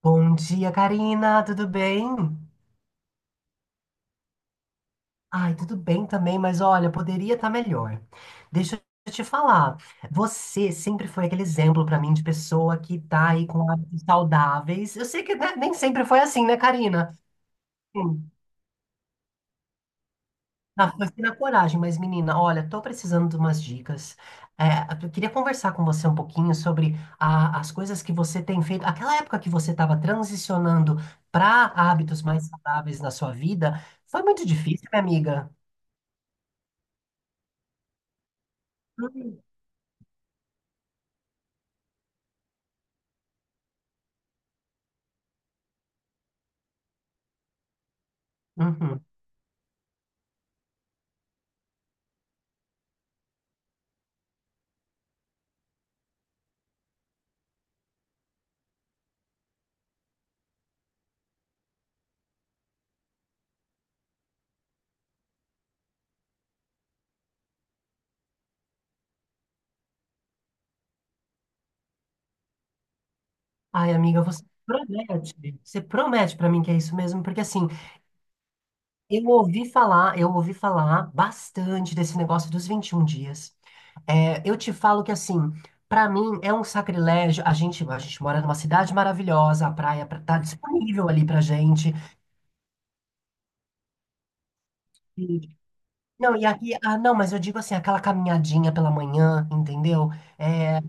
Bom dia, Karina, tudo bem? Ai, tudo bem também, mas olha, poderia estar melhor. Deixa eu te falar, você sempre foi aquele exemplo para mim de pessoa que tá aí com hábitos saudáveis. Eu sei que, né, nem sempre foi assim, né, Karina? Sim. Na, foi assim na coragem, mas menina, olha, tô precisando de umas dicas. Eu queria conversar com você um pouquinho sobre as coisas que você tem feito. Aquela época que você estava transicionando para hábitos mais saudáveis na sua vida, foi muito difícil, minha amiga. Hum. Uhum. Ai, amiga, você promete pra mim que é isso mesmo, porque assim, eu ouvi falar bastante desse negócio dos 21 dias. Eu te falo que assim, pra mim é um sacrilégio. A gente mora numa cidade maravilhosa, a praia tá disponível ali pra gente. E- não, e aqui, ah, não, mas eu digo assim, aquela caminhadinha pela manhã, entendeu? É,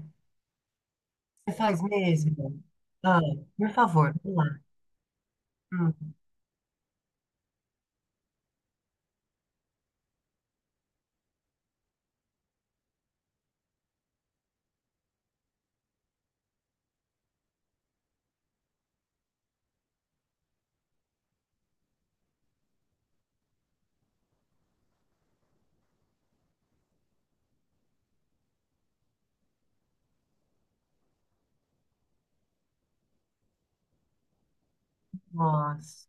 você faz mesmo? Ah, por favor, vamos lá. Hum, nossa.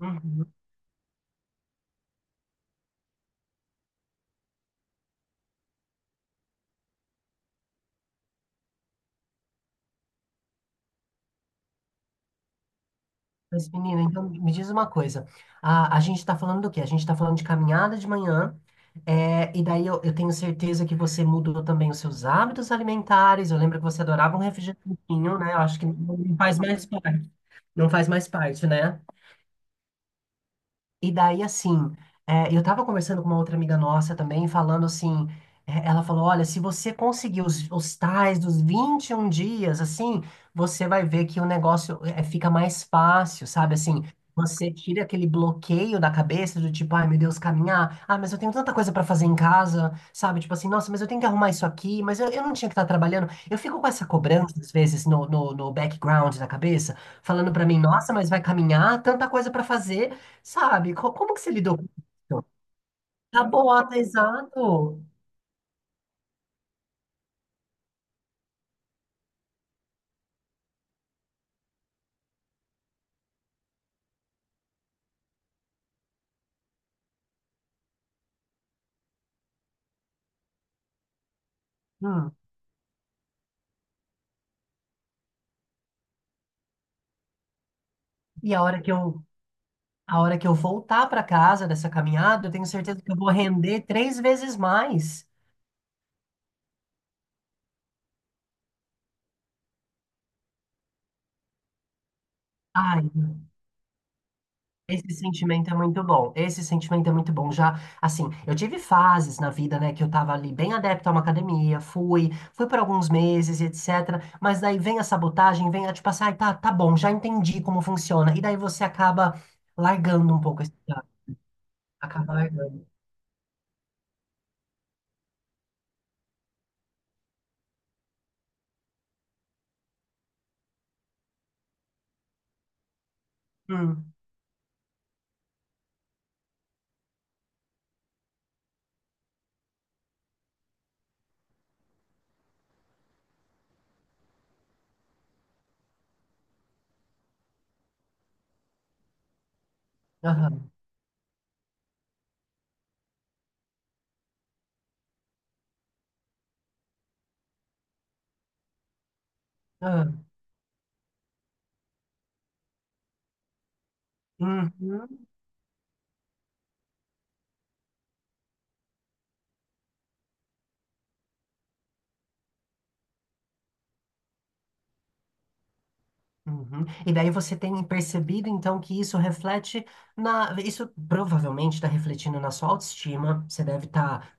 Uhum. Mas, menina, então me diz uma coisa. A gente está falando do quê? A gente está falando de caminhada de manhã, é, e daí eu tenho certeza que você mudou também os seus hábitos alimentares. Eu lembro que você adorava um refrigerantinho, né? Eu acho que não faz mais parte. Não faz mais parte, né? E daí, assim, é, eu tava conversando com uma outra amiga nossa também, falando assim, é, ela falou, olha, se você conseguir os tais dos 21 dias, assim, você vai ver que o negócio é, fica mais fácil, sabe? Assim, você tira aquele bloqueio da cabeça do tipo, ai, meu Deus, caminhar, ah, mas eu tenho tanta coisa pra fazer em casa, sabe? Tipo assim, nossa, mas eu tenho que arrumar isso aqui, mas eu não tinha que estar trabalhando. Eu fico com essa cobrança, às vezes, no background da cabeça, falando pra mim, nossa, mas vai caminhar, tanta coisa pra fazer. Sabe? Como que você lidou com isso? Tá bota, exato. Hum. E a hora que eu, a hora que eu voltar para casa dessa caminhada, eu tenho certeza que eu vou render três vezes mais. Ai, esse sentimento é muito bom. Esse sentimento é muito bom. Já, assim, eu tive fases na vida, né, que eu tava ali bem adepto a uma academia, fui por alguns meses, e etc. Mas daí vem a sabotagem, vem a tipo assim, ai, tá, tá bom, já entendi como funciona. E daí você acaba largando um pouco esse, acaba largando. Hum. Aham, aham. Uhum, uhum. E daí você tem percebido então que isso reflete na. Isso provavelmente está refletindo na sua autoestima. Você deve estar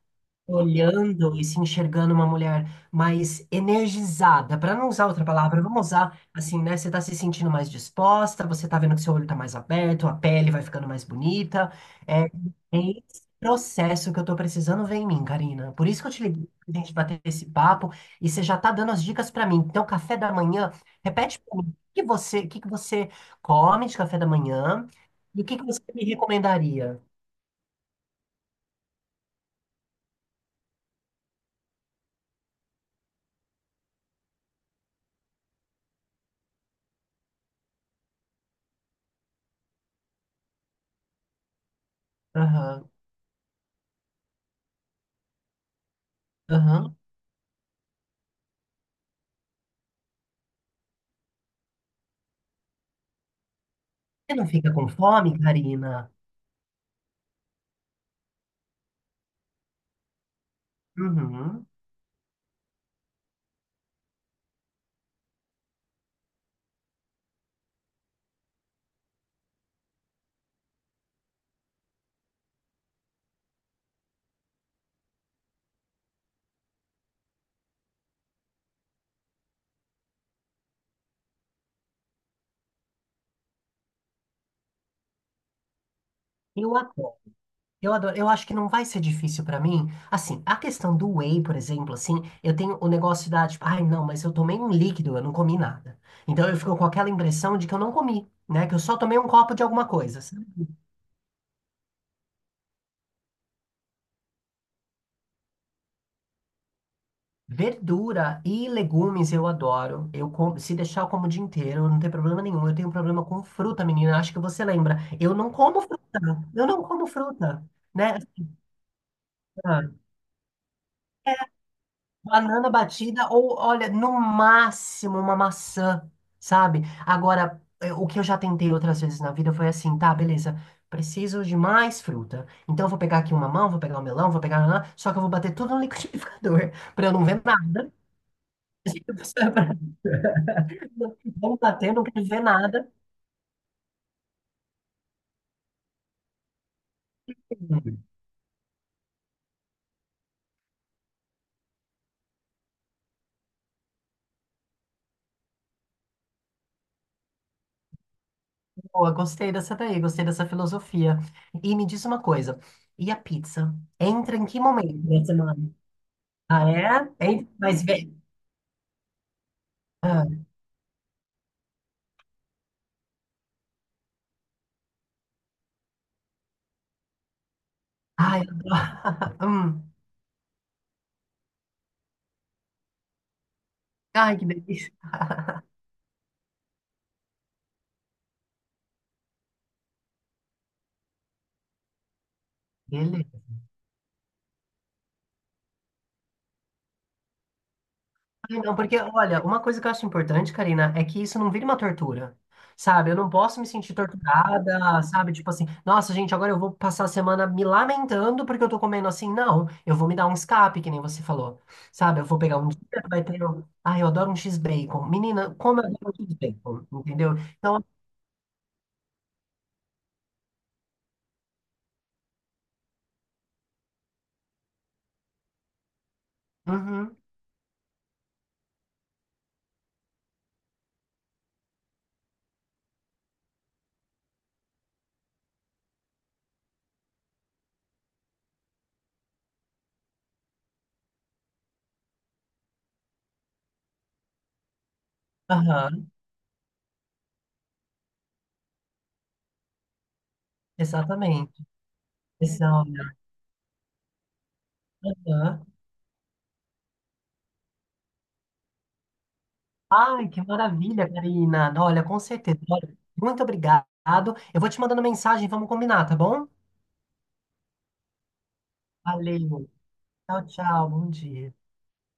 olhando e se enxergando uma mulher mais energizada, para não usar outra palavra, vamos usar assim, né? Você tá se sentindo mais disposta, você tá vendo que seu olho tá mais aberto, a pele vai ficando mais bonita. É, é esse processo que eu tô precisando ver em mim, Karina. Por isso que eu te liguei pra gente bater esse papo e você já tá dando as dicas para mim. Então, café da manhã, repete para mim, o que você, o que que você come de café da manhã e o que que você me recomendaria? Aham, aham. Você não fica com fome, Karina? Uhum. Eu adoro, eu adoro. Eu acho que não vai ser difícil pra mim. Assim, a questão do whey, por exemplo, assim, eu tenho o negócio da, tipo, ai, não, mas eu tomei um líquido, eu não comi nada. Então eu fico com aquela impressão de que eu não comi, né? Que eu só tomei um copo de alguma coisa, sabe? Verdura e legumes eu adoro. Eu como, se deixar eu como o dia inteiro, não tem problema nenhum. Eu tenho um problema com fruta, menina. Acho que você lembra. Eu não como fruta. Eu não como fruta, né? Ah, banana batida ou, olha, no máximo uma maçã, sabe? Agora, é, o que eu já tentei outras vezes na vida foi assim, tá, beleza, preciso de mais fruta. Então eu vou pegar aqui uma mamão, vou pegar um melão, vou pegar... nanã. Só que eu vou bater tudo no liquidificador, pra eu não ver nada. Vamos bater, não quero ver nada. Boa, gostei dessa daí, gostei dessa filosofia. E me diz uma coisa, e a pizza? Entra em que momento da semana? Ah, é? Entra, mas vem... Ah. Ai, eu adoro. Hum. Ai, que delícia. Ele. Ai, não, porque, olha, uma coisa que eu acho importante, Karina, é que isso não vire uma tortura. Sabe, eu não posso me sentir torturada, sabe? Tipo assim, nossa, gente, agora eu vou passar a semana me lamentando porque eu tô comendo assim. Não, eu vou me dar um escape, que nem você falou. Sabe, eu vou pegar um dia, vai ter. Ai, eu adoro um X-Bacon. Menina, como eu adoro um X-Bacon, entendeu? Então, uhum, aham, exatamente. Esse é o- Aham. Ai, que maravilha, Karina. Olha, com certeza. Olha, muito obrigado. Eu vou te mandando mensagem, vamos combinar, tá bom? Valeu. Tchau, tchau. Bom dia.